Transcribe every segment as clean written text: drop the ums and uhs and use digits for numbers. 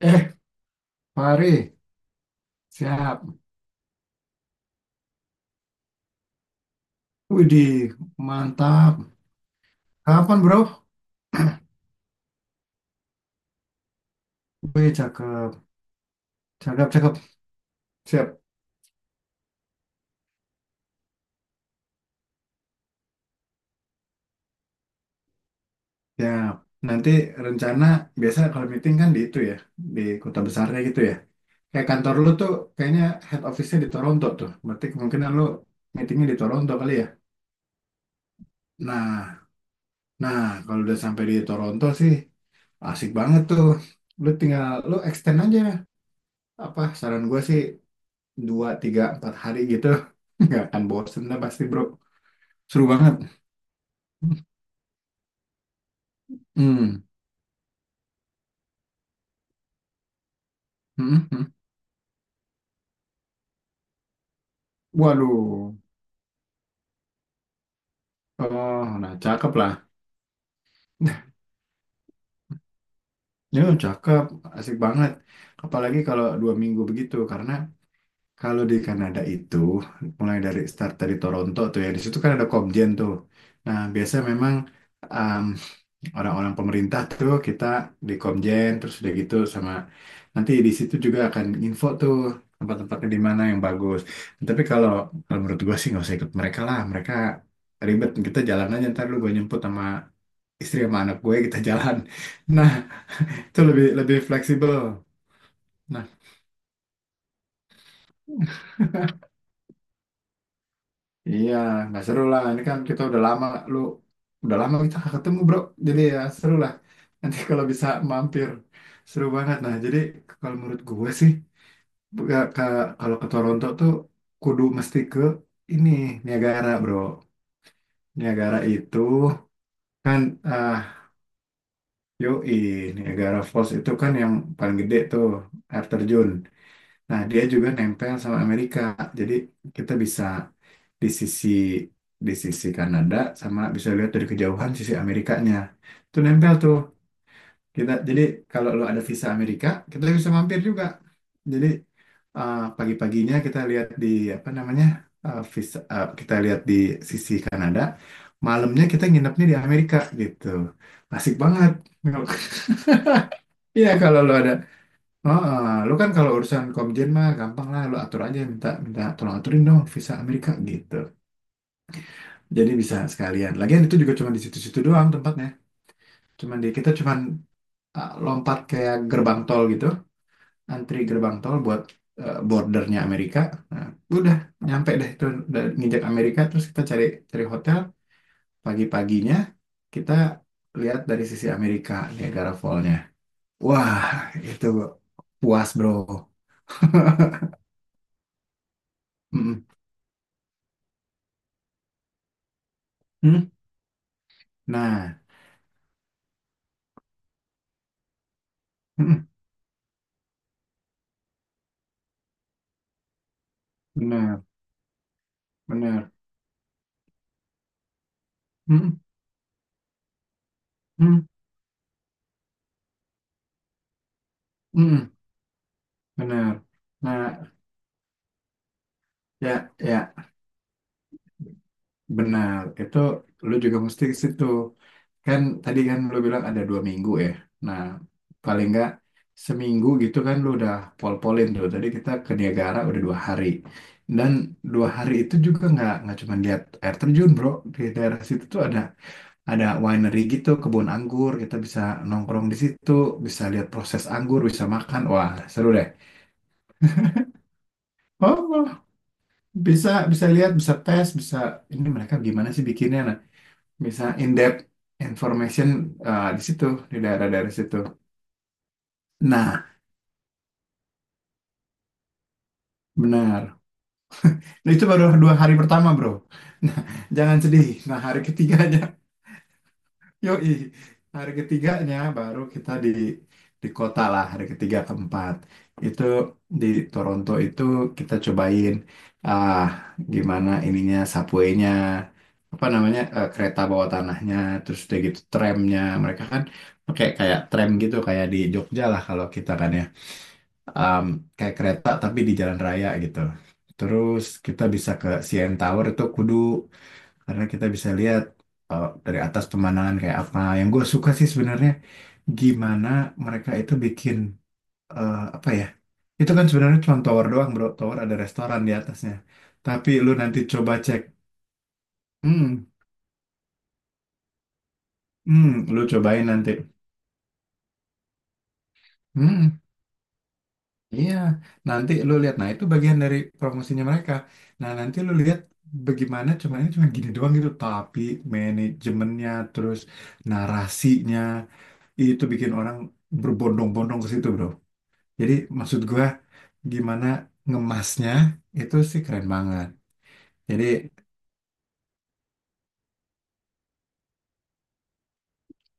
Eh, Fari, siap. Widih, mantap. Kapan, bro? Wih, cakep. Cakep, cakep. Siap. Ya, nanti rencana biasa kalau meeting kan di itu ya, di kota besarnya gitu ya. Kayak kantor lu tuh kayaknya head office-nya di Toronto tuh. Berarti kemungkinan lu meetingnya di Toronto kali ya. Nah, nah, kalau udah sampai di Toronto sih asik banget tuh. Lu tinggal, lu extend aja. Apa, saran gue sih 2 3 4 hari gitu nggak akan bosen lah pasti bro, seru banget. Hmm. Hmm. Hmm. Waduh. Oh, nah cakep lah. Ya cakep, asik banget, apalagi kalau 2 minggu begitu karena kalau di Kanada itu mulai dari start dari Toronto tuh ya, di situ kan ada Cobden tuh. Nah, biasanya memang orang-orang pemerintah tuh kita di Komjen terus udah gitu, sama nanti di situ juga akan info tuh tempat-tempatnya di mana yang bagus. Tapi kalau menurut gue sih nggak usah ikut mereka lah, mereka ribet, kita jalan aja ntar lu gue nyemput sama istri sama anak gue kita jalan. Nah, itu lebih lebih fleksibel. Nah iya, nggak seru lah, ini kan kita udah lama, lu udah lama kita nggak ketemu bro, jadi ya seru lah, nanti kalau bisa mampir, seru banget. Nah, jadi kalau menurut gue sih, Nggak, Kak, kalau ke Toronto tuh kudu mesti ke ini Niagara, Bro. Niagara itu kan ah yoi, Niagara Falls itu kan yang paling gede tuh air terjun. Nah, dia juga nempel sama Amerika. Jadi kita bisa di sisi di sisi Kanada sama bisa lihat dari kejauhan sisi Amerikanya. Itu nempel tuh. Kita jadi kalau lu ada visa Amerika, kita bisa mampir juga. Jadi pagi-paginya kita lihat di apa namanya kita lihat di sisi Kanada. Malamnya kita nginepnya di Amerika gitu. Asik banget. Iya kalau lu ada, oh, eh, lu kan kalau urusan Komjen mah gampang lah, lu atur aja minta minta tolong aturin dong visa Amerika gitu. Jadi bisa sekalian. Lagian itu juga cuma di situ-situ doang tempatnya. Cuman di kita cuman lompat kayak gerbang tol gitu, antri gerbang tol buat bordernya Amerika. Nah, udah nyampe deh itu, udah nginjak Amerika terus kita cari cari hotel, pagi-paginya kita lihat dari sisi Amerika Niagara Fall-nya. Wah, itu puas, Bro. Mm-mm. Mm. Nah, mm-mm. Benar, benar. Mm-mm. Mm. Mm-mm. Benar. Nah, ya ya benar. Itu lu juga mesti ke situ. Kan tadi kan lu bilang ada 2 minggu ya. Nah, paling nggak seminggu gitu kan lu udah pol-polin tuh. Tadi kita ke Niagara udah 2 hari. Dan 2 hari itu juga nggak cuma lihat air terjun bro. Di daerah situ tuh ada winery gitu, kebun anggur. Kita bisa nongkrong di situ, bisa lihat proses anggur, bisa makan. Wah, seru deh. Oh, bisa bisa lihat, bisa tes, bisa ini, mereka gimana sih bikinnya? Nah, bisa in depth information di situ, di daerah-daerah situ. Nah, benar. Nah, itu baru 2 hari pertama, bro. Nah, jangan sedih. Nah, hari ketiganya, yoi. Hari ketiganya baru kita di kota lah, hari ketiga keempat. Itu di Toronto itu kita cobain ah gimana ininya subway-nya, apa namanya kereta bawah tanahnya, terus udah gitu tramnya. Mereka kan pakai kayak tram gitu kayak di Jogja lah kalau kita kan ya, um, kayak kereta tapi di jalan raya gitu. Terus kita bisa ke CN Tower itu kudu karena kita bisa lihat dari atas pemandangan kayak apa. Yang gue suka sih sebenarnya gimana mereka itu bikin apa ya? Itu kan sebenarnya cuma tower doang, bro. Tower ada restoran di atasnya. Tapi lu nanti coba cek. Hmm, hmm, lu cobain nanti. Hmm. Iya, nanti lu lihat. Nah, itu bagian dari promosinya mereka. Nah, nanti lu lihat bagaimana, cuman ini cuma gini doang gitu, tapi manajemennya terus narasinya itu bikin orang berbondong-bondong ke situ, Bro. Jadi maksud gua, gimana ngemasnya itu sih keren banget. Jadi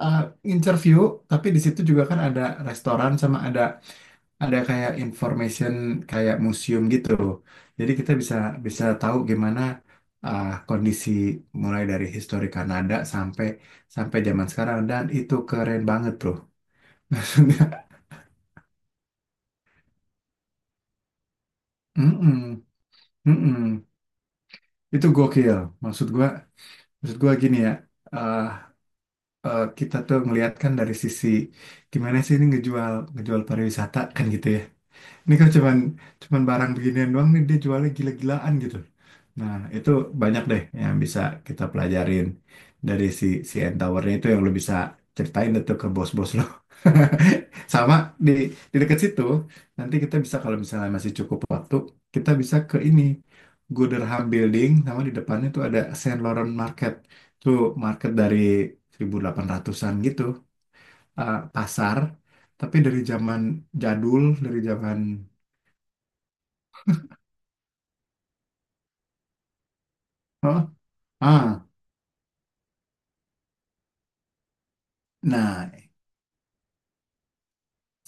uh, interview, tapi di situ juga kan ada restoran sama ada kayak information kayak museum gitu. Jadi kita bisa bisa tahu gimana kondisi, mulai dari histori Kanada sampai sampai zaman sekarang, dan itu keren banget, bro. Mm-mm, mm-mm. Itu gokil. Maksud gua, maksud gua, gini ya. uh, kita tuh melihatkan dari sisi gimana sih ini ngejual ngejual pariwisata kan gitu ya. Ini kan cuman cuman barang beginian doang nih dia jualnya gila-gilaan gitu. Nah, itu banyak deh yang bisa kita pelajarin dari si si N Tower-nya itu yang lu bisa ceritain itu ke bos-bos lo. Sama di di dekat situ, nanti kita bisa kalau misalnya masih cukup waktu, kita bisa ke ini Gooderham Building sama di depannya tuh ada Saint Laurent Market. Tuh market dari 1800-an gitu, eh, pasar tapi dari zaman jadul, dari zaman. Oh, ah, nah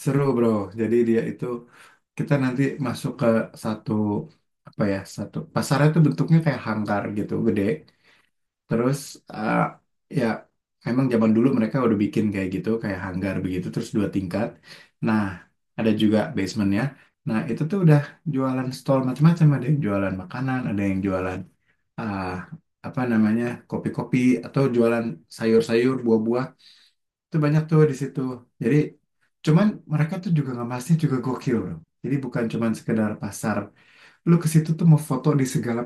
seru bro. Jadi dia itu kita nanti masuk ke satu apa ya, satu pasarnya itu bentuknya kayak hangkar gitu gede terus eh, ya emang zaman dulu mereka udah bikin kayak gitu kayak hanggar begitu terus 2 tingkat. Nah, ada juga basementnya. Nah, itu tuh udah jualan stall macam-macam, ada yang jualan makanan, ada yang jualan ah, apa namanya, kopi-kopi atau jualan sayur-sayur buah-buah, itu banyak tuh di situ. Jadi cuman mereka tuh juga ngemasnya juga gokil bro. Jadi bukan cuman sekedar pasar. Lu ke situ tuh mau foto di segala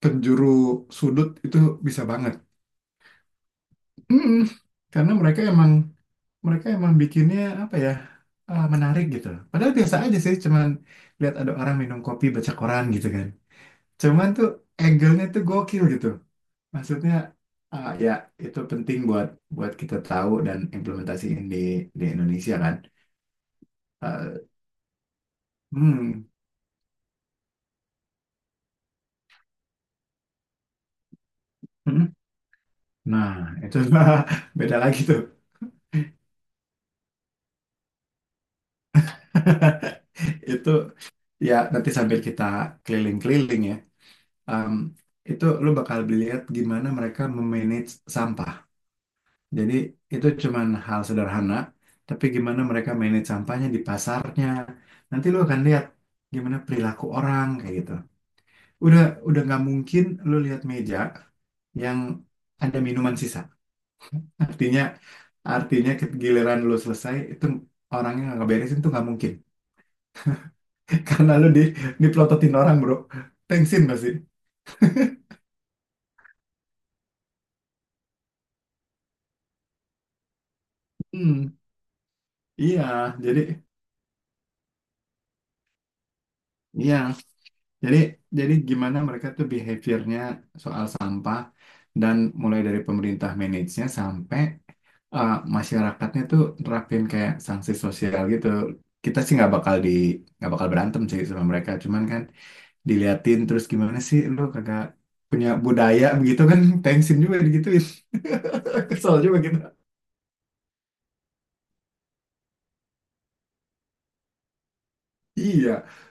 penjuru sudut itu bisa banget. Mm. Karena mereka emang, mereka emang bikinnya apa ya, menarik gitu. Padahal biasa aja sih, cuman lihat ada orang minum kopi baca koran gitu kan. Cuman tuh angle-nya tuh gokil gitu. Maksudnya ah, ya, itu penting buat buat kita tahu dan implementasiin di Indonesia kan. Eh, Hmm. Hmm. Nah, itu beda lagi tuh. Itu ya nanti sambil kita keliling-keliling ya. em, itu lu bakal lihat gimana mereka memanage sampah. Jadi itu cuman hal sederhana, tapi gimana mereka manage sampahnya di pasarnya. Nanti lu akan lihat gimana perilaku orang kayak gitu. Udah udah nggak mungkin lu lihat meja yang ada minuman sisa. Artinya, Artinya ke- giliran lu selesai itu orangnya nggak beresin tuh nggak mungkin. Karena lu di dipelototin orang bro, tensin pasti. Hmm, iya. Jadi iya jadi jadi gimana mereka tuh behaviornya soal sampah, dan mulai dari pemerintah manage-nya sampai uh, masyarakatnya tuh nerapin kayak sanksi sosial gitu. Kita sih nggak bakal berantem sih sama mereka, cuman kan diliatin terus, gimana sih lu kagak punya budaya begitu kan, tensin juga digituin. Kesel juga gitu, iya,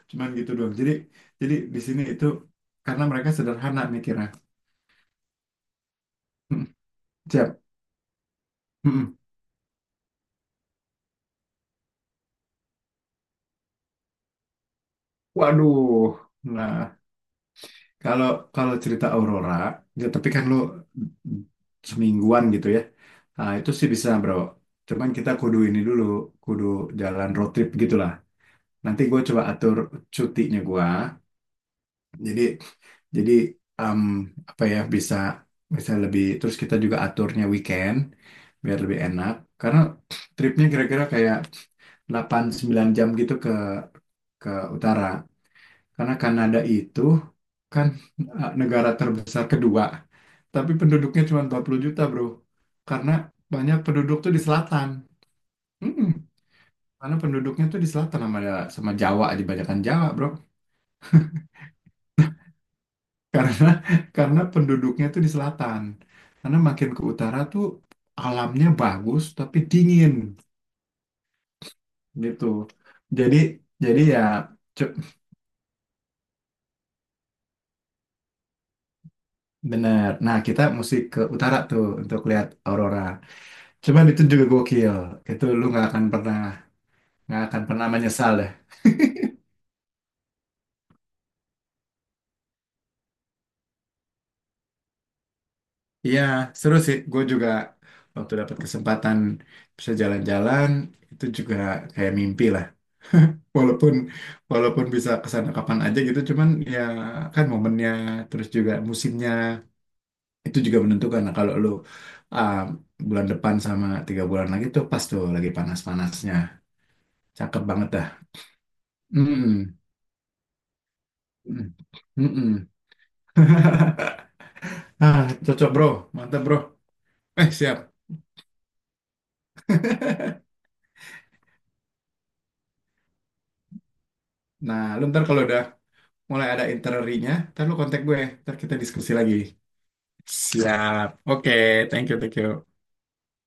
cuman gitu doang. Jadi di sini itu karena mereka sederhana mikirnya. Hmm, siap. Hmm. Hmm. Waduh. Nah, kalau, kalau cerita Aurora ya tapi kan lu semingguan gitu ya. Nah, itu sih bisa bro, cuman kita kudu ini dulu, kudu jalan road trip gitulah. Nanti gue coba atur cutinya gue. Jadi jadi em, apa ya, bisa bisa lebih, terus kita juga aturnya weekend biar lebih enak karena tripnya kira-kira kayak 8 9 jam gitu ke utara, karena Kanada itu kan negara terbesar kedua tapi penduduknya cuma 40 juta bro, karena banyak penduduk tuh di selatan. Mm-mm. Karena penduduknya tuh di selatan, sama sama Jawa dibanyakan Jawa bro, karena karena penduduknya tuh di selatan, karena makin ke utara tuh alamnya bagus tapi dingin gitu. jadi jadi ya cu- bener, nah kita mesti ke utara tuh untuk lihat aurora, cuman itu juga gokil, itu lu nggak akan pernah menyesal deh. Iya seru sih, gue juga waktu dapat kesempatan bisa jalan-jalan, itu juga kayak mimpi lah, walaupun walaupun bisa kesana kapan aja gitu cuman ya, kan momennya terus juga musimnya itu juga menentukan. Nah kalau lu ah, bulan depan sama 3 bulan lagi tuh pas tuh lagi panas-panasnya, cakep banget dah. Mm-mm. Mm. Mm-mm. Ah cocok bro, mantap bro, eh siap. Nah lu ntar kalau udah mulai ada itinerary-nya ntar lu kontak gue ntar kita diskusi lagi, siap oke, thank you